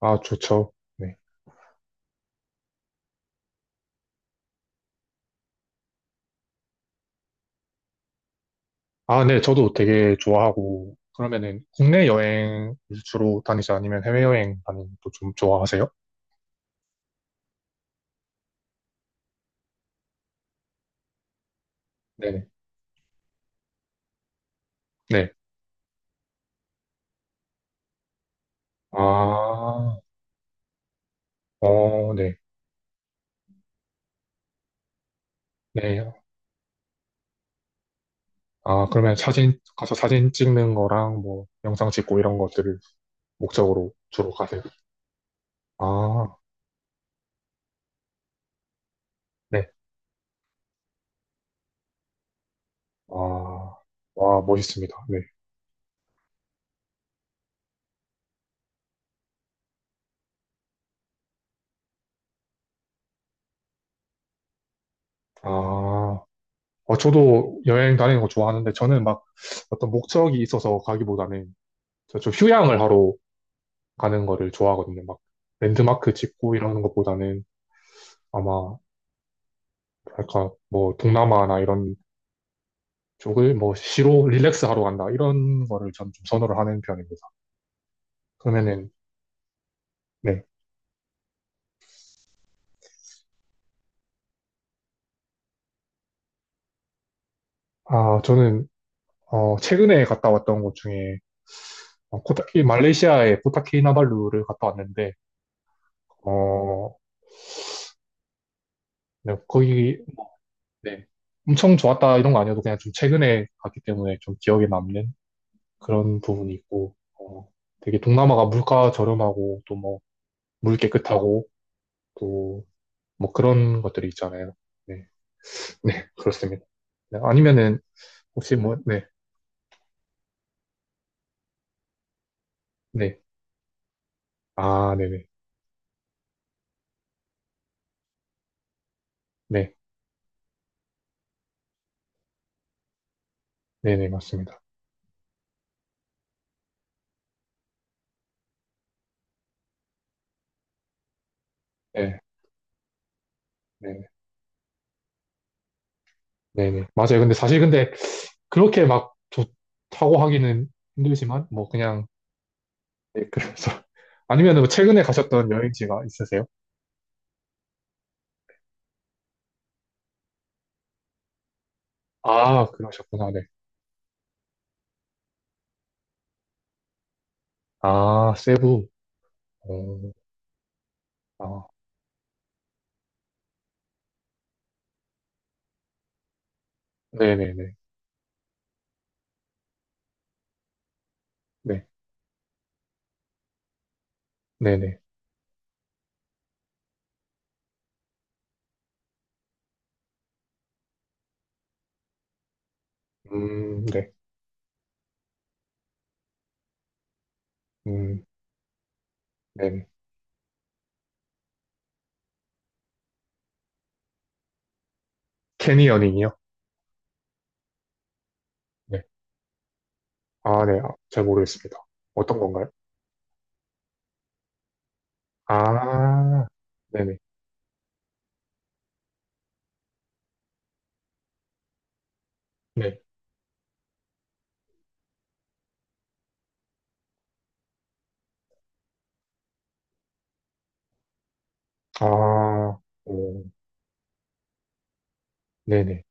아, 좋죠. 네. 아, 네, 저도 되게 좋아하고, 그러면은 국내 여행 주로 다니지 아니면 해외여행 다니는 것도 좀 좋아하세요? 네. 네. 아, 어, 네. 네. 아, 그러면 사진, 가서 사진 찍는 거랑 뭐 영상 찍고 이런 것들을 목적으로 주로 가세요? 아, 네. 아, 와, 멋있습니다. 네. 아, 저도 여행 다니는 거 좋아하는데 저는 막 어떤 목적이 있어서 가기보다는 저좀 휴양을 하러 가는 거를 좋아하거든요. 막 랜드마크 짓고 이러는 것보다는 아마 약간 뭐 동남아나 이런 쪽을 뭐 시로 릴렉스 하러 간다 이런 거를 전 좀 선호를 하는 편입니다. 그러면은 네. 아 저는 최근에 갔다 왔던 곳 중에 코타키 말레이시아의 코타키나발루를 갔다 왔는데 어 네, 거기 네. 엄청 좋았다 이런 거 아니어도 그냥 좀 최근에 갔기 때문에 좀 기억에 남는 그런 부분이 있고 되게 동남아가 물가 저렴하고 또뭐 물 깨끗하고 또 뭐 그런 것들이 있잖아요. 네, 네, 그렇습니다. 네, 아니면은 혹시 뭐, 네, 네, 아, 네네, 네, 네네, 맞습니다. 네, 네, 네네, 맞아요. 근데 사실 근데 그렇게 막 좋다고 하기는 힘들지만 뭐 그냥 네, 그래서 아니면은 뭐 최근에 가셨던 여행지가 있으세요? 아, 그러셨구나. 네. 아, 세부. 어, 아, 네네네. 네, 네네. 네. 음, 네네. 캐니어닝이요? 네. 아, 네. 아, 잘 모르겠습니다. 어떤 건가요? 아, 네네. 네. 아, 오, 네네.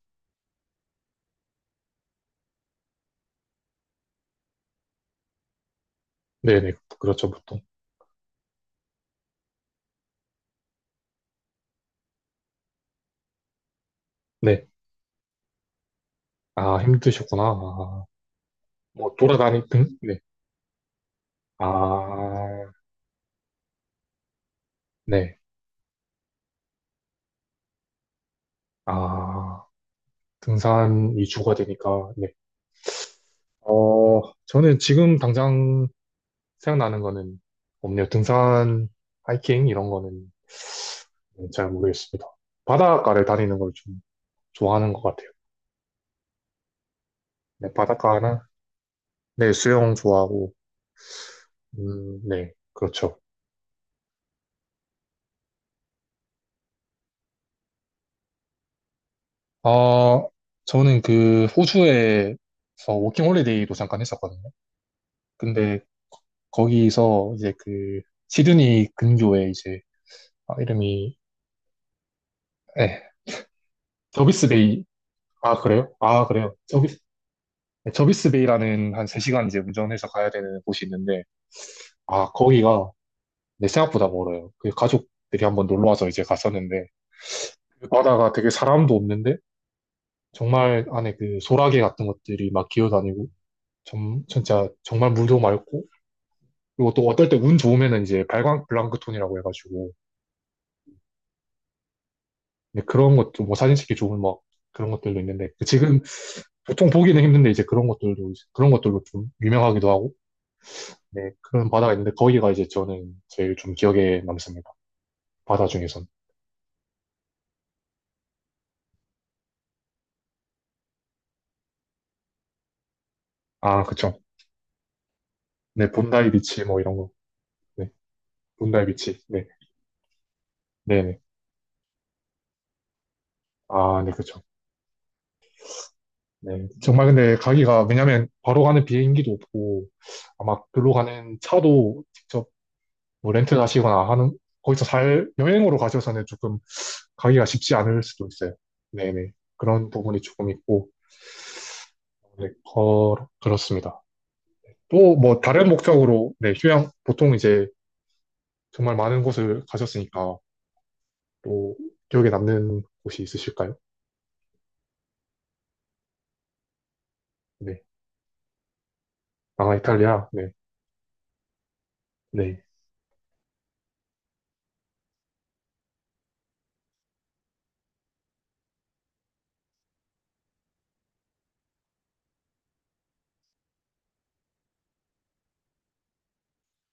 네네. 그렇죠, 보통. 네. 아, 힘드셨구나. 아, 뭐, 돌아다니, 등? 네. 아, 네. 아, 등산이 주가 되니까, 네. 어, 저는 지금 당장 생각나는 거는 없네요. 등산, 하이킹, 이런 거는 네, 잘 모르겠습니다. 바닷가를 다니는 걸 좀 좋아하는 것 같아요. 네, 바닷가나, 네, 수영 좋아하고, 네, 그렇죠. 아, 저는 그 호주에서 워킹 홀리데이로 잠깐 했었거든요. 근데 거기서 이제 그 시드니 근교에 이제 아, 이름이 예, 저비스 베이 아 그래요? 아 그래요. 저비스 네, 저비스 베이라는 한 3시간 이제 운전해서 가야 되는 곳이 있는데 아 거기가 내 생각보다 멀어요. 그 가족들이 한번 놀러 와서 이제 갔었는데 그 바다가 되게 사람도 없는데 정말 안에 그 소라게 같은 것들이 막 기어다니고 진짜 정말 물도 맑고 그리고 또 어떨 때 운 좋으면은 이제 발광 블랑크톤이라고 해가지고 근데 그런 것도 뭐 사진 찍기 좋은 막 그런 것들도 있는데 그 지금 보통 보기는 힘든데 이제 그런 것들도 이제 그런 것들로 좀 유명하기도 하고 네 그런 바다가 있는데 거기가 이제 저는 제일 좀 기억에 남습니다 바다 중에선 아 그쵸 네 본다이 비치 뭐 이런 거 네 본다이 비치 네 네네 아네 그쵸 네 정말 근데 가기가 왜냐면 바로 가는 비행기도 없고 아마 글로 가는 차도 직접 뭐 렌트 가시거나 하는, 거기서 살, 여행으로 가셔서는 조금 가기가 쉽지 않을 수도 있어요. 네네. 그런 부분이 조금 있고, 네, 거, 그렇습니다. 또 뭐 다른 목적으로, 네, 휴양, 보통 이제 정말 많은 곳을 가셨으니까 또 기억에 남는 곳이 있으실까요? 네. 아, 이탈리아? 네. 네.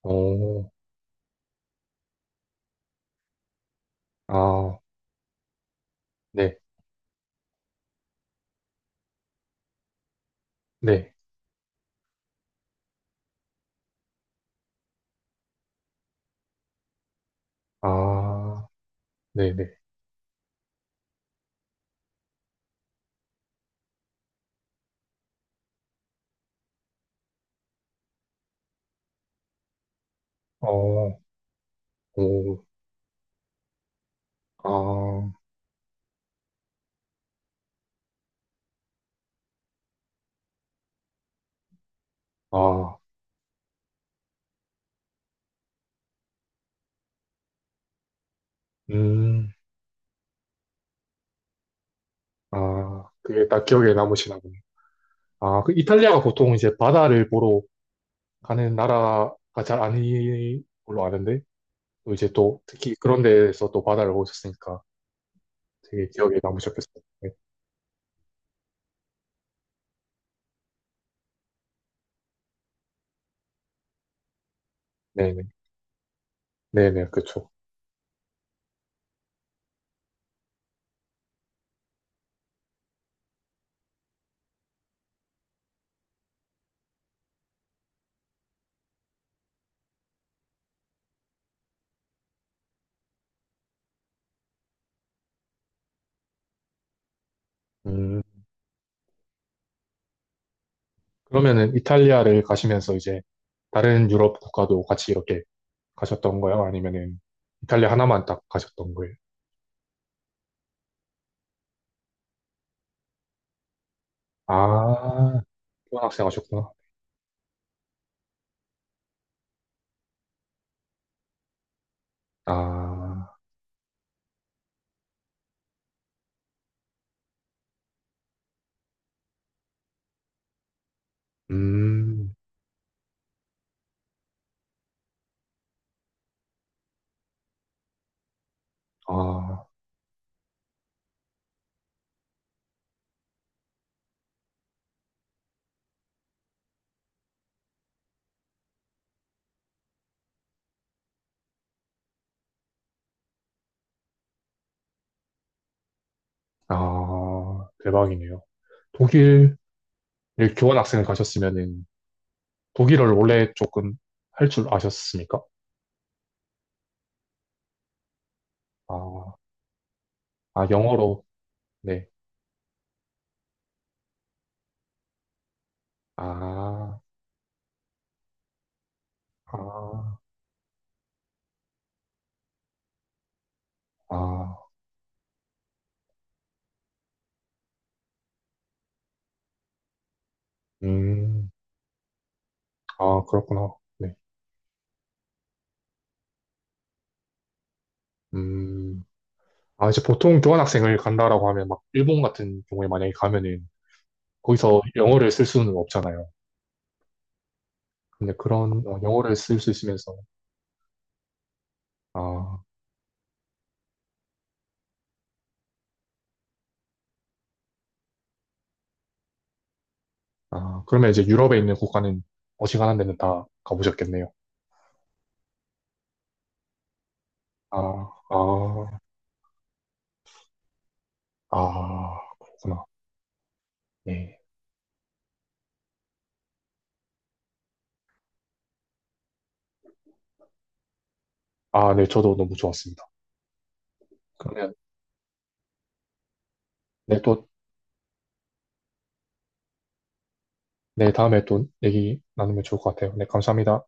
어, 아, 네. 네. 아, 네네. 어, 오, 아, 아, 음, 아, 그게 딱 기억에 남으시나 보네. 아, 그 이탈리아가 보통 이제 바다를 보러 가는 나라가 잘 아닌 걸로 아는데, 또 이제 또 특히 그런 데에서 또 바다를 보셨으니까 되게 기억에 남으셨겠어요. 네, 네네. 네네, 그쵸. 음, 그러면은 이탈리아를 가시면서 이제 다른 유럽 국가도 같이 이렇게 가셨던 거예요? 아니면은 이탈리아 하나만 딱 가셨던 거예요? 아, 교환학생 하셨구나. 아, 음, 아, 아, 대박이네요. 독일 교환학생을 가셨으면은 독일어를 원래 조금 할 줄 아셨습니까? 아, 아, 영어로, 네. 아, 아, 아, 음, 아, 그렇구나. 네. 음, 아, 이제 보통 교환학생을 간다라고 하면 막 일본 같은 경우에 만약에 가면은 거기서 영어를 쓸 수는 없잖아요. 근데 그런 영어를 쓸 수 있으면서, 아, 아, 그러면 이제 유럽에 있는 국가는 어지간한 데는 다 가보셨겠네요. 아, 아, 아, 그렇구나. 네. 아, 네, 저도 너무 좋았습니다. 그러면 네, 또, 네, 다음에 또 얘기 나누면 좋을 것 같아요. 네, 감사합니다.